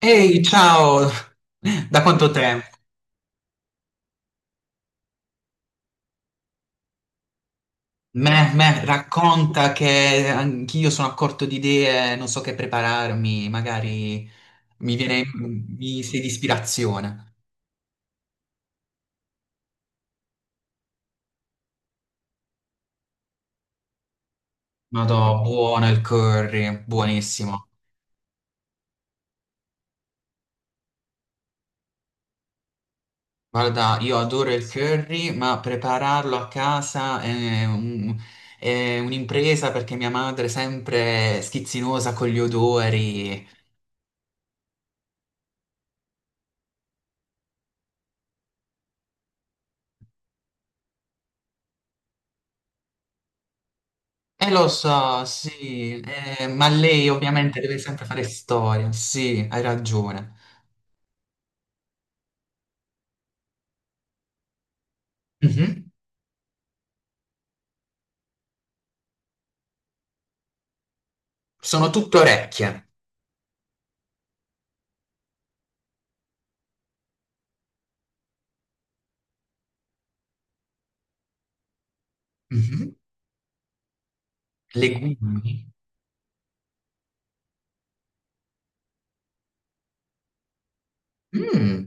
Ehi, ciao! Da quanto tempo? Racconta che anch'io sono a corto di idee, non so che prepararmi, magari mi viene, mi sei di ispirazione. Madò, buono il curry, buonissimo. Guarda, io adoro il curry, ma prepararlo a casa è un- è un'impresa perché mia madre è sempre schizzinosa con gli odori. E lo so, sì, ma lei ovviamente deve sempre fare storia, sì, hai ragione. Mhm. Sono tutte orecchie. Mhm. Legumi. Mm.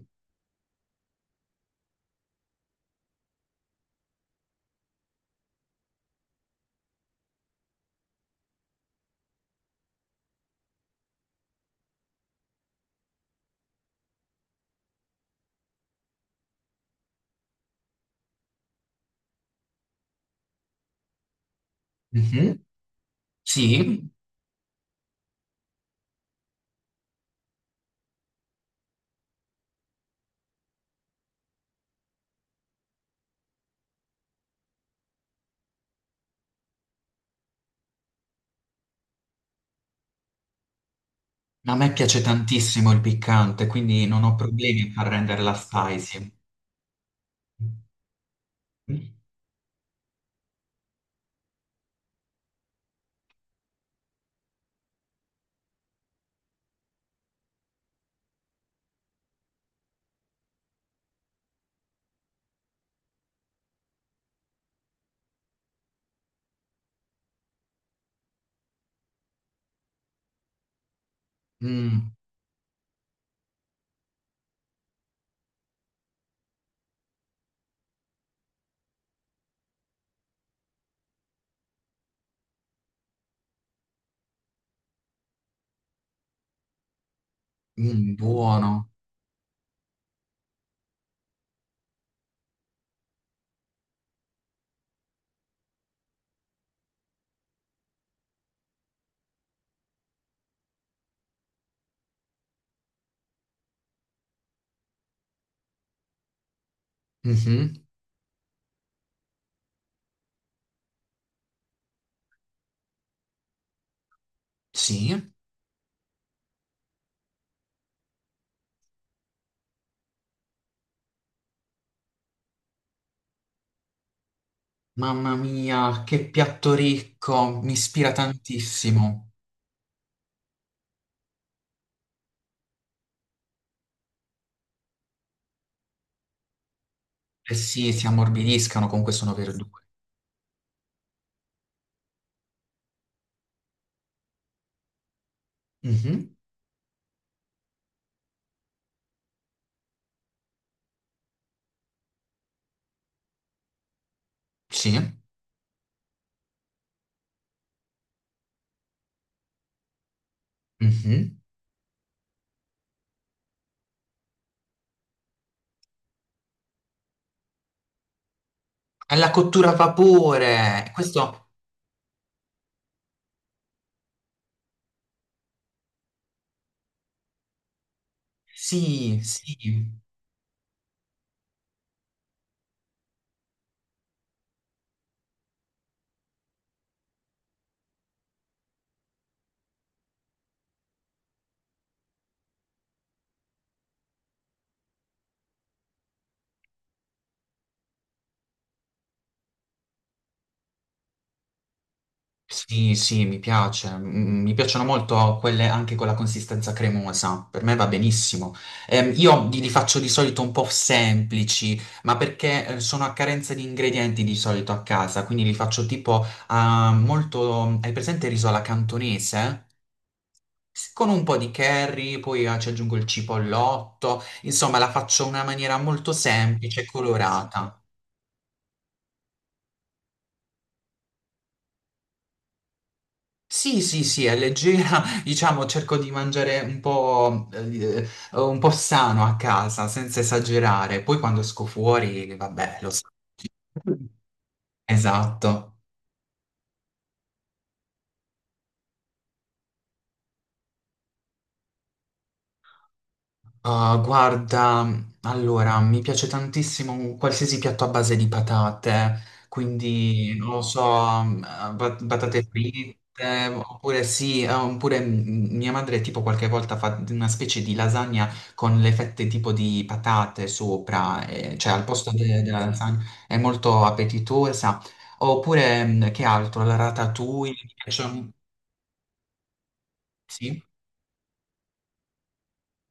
Mhm. Sì, a me piace tantissimo il piccante, quindi non ho problemi a far renderla spicy. Mm. Mm, buono. Mhm. Sì, mamma mia, che piatto ricco, mi ispira tantissimo. Eh sì, si ammorbidiscano, comunque sono verdure. Mhm. Sì. Mhm. È la cottura a vapore. Questo sì, sì, sì, sì, mi piace. Mm, mi piacciono molto quelle anche con la consistenza cremosa. Per me va benissimo. Io li faccio di solito un po' semplici, ma perché sono a carenza di ingredienti di solito a casa, quindi li faccio tipo molto... Hai presente il riso alla cantonese? S- Con un po' di curry, poi ci aggiungo il cipollotto, insomma la faccio in una maniera molto semplice e colorata. Sì, sì, sì, è leggera, diciamo, cerco di mangiare un po' sano a casa, senza esagerare. Poi quando esco fuori, vabbè, lo so. Esatto. Ah, guarda, allora, mi piace tantissimo un qualsiasi piatto a base di patate, quindi, non lo so, mm, ba- patate fritte, oppure sì, oppure mia madre tipo qualche volta fa una specie di lasagna con le fette tipo di patate sopra, cioè al posto de- della lasagna, è molto appetitosa. Oppure, che altro, la ratatouille, mi piace, un- sì?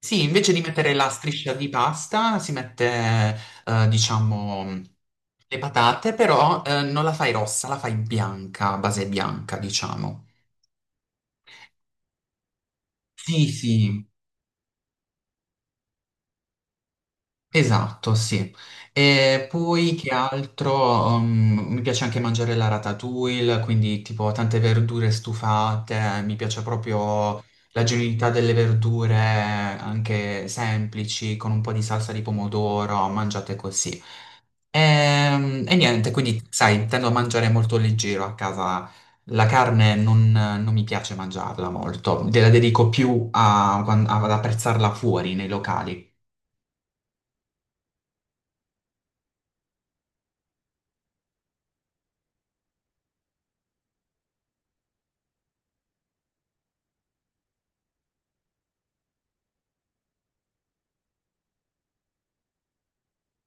Sì, invece di mettere la striscia di pasta si mette, diciamo, le patate, però non la fai rossa, la fai bianca, a base bianca, diciamo. Sì, sì, esatto, sì. E poi che altro? Mi piace anche mangiare la ratatouille, quindi tipo tante verdure stufate, mi piace proprio la genuinità delle verdure, anche semplici, con un po' di salsa di pomodoro, mangiate così. E, niente, quindi sai, tendo a mangiare molto leggero a casa. La carne non, non mi piace mangiarla molto, la dedico più a- ad apprezzarla fuori nei locali.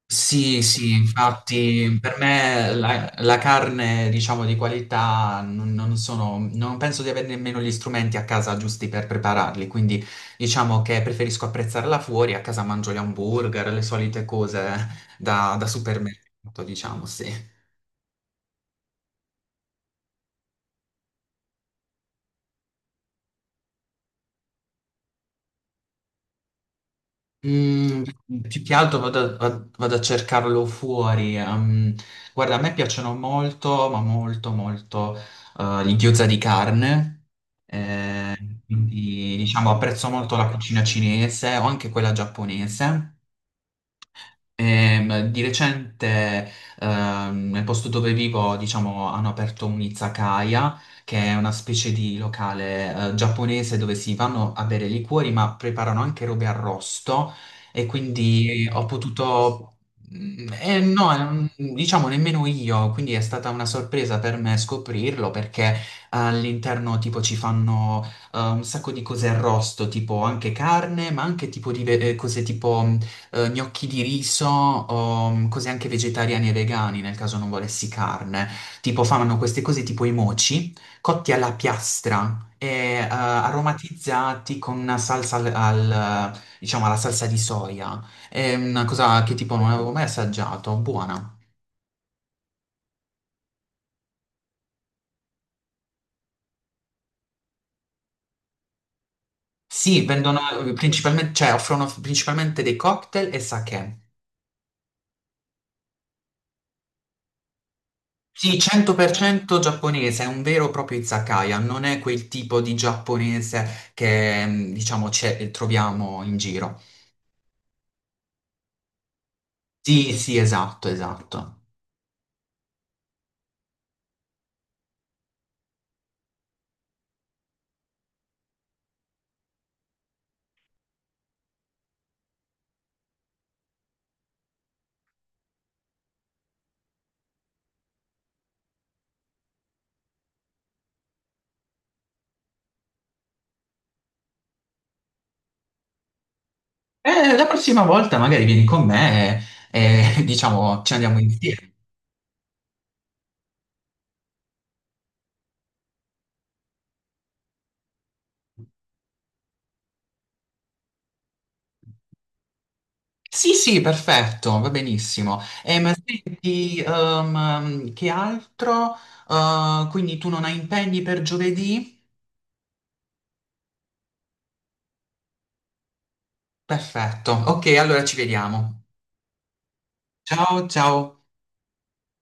Sì, sì, infatti per me la, la carne, diciamo, di qualità non, non sono, non penso di avere nemmeno gli strumenti a casa giusti per prepararli, quindi diciamo che preferisco apprezzarla fuori, a casa mangio gli hamburger, le solite cose da, da supermercato, diciamo, sì. Mm, più che altro vado, a vado a cercarlo fuori. Guarda, a me piacciono molto, ma molto, molto gli gyoza di carne. eh, quindi, diciamo, apprezzo molto la cucina cinese o anche quella giapponese. Di recente, nel posto dove vivo, diciamo, hanno aperto un'izakaya, che è una specie di locale, giapponese dove si vanno a bere liquori, ma preparano anche robe arrosto. E quindi ho potuto. No, diciamo nemmeno io, quindi è stata una sorpresa per me scoprirlo perché all'interno tipo ci fanno un sacco di cose arrosto, tipo anche carne, ma anche tipo di ve- cose tipo gnocchi di riso o cose anche vegetariane e vegani nel caso non volessi carne. Tipo fanno queste cose tipo i moci, cotti alla piastra e aromatizzati con una salsa al, al, diciamo alla salsa di soia. È una cosa che tipo non avevo mai assaggiato, buona. Sì, vendono principalmente, cioè offrono principalmente dei cocktail e sake. Sì, 100% giapponese, è un vero e proprio izakaya, non è quel tipo di giapponese che, mm, diciamo, c'è- troviamo in giro. Sì, sì, esatto, esatto. La prossima volta magari vieni con me e, diciamo, ci andiamo insieme. Sì, sì, perfetto, va benissimo. E ma ti, che altro? Quindi tu non hai impegni per giovedì? Perfetto. Ok, allora ci vediamo. Ciao, ciao.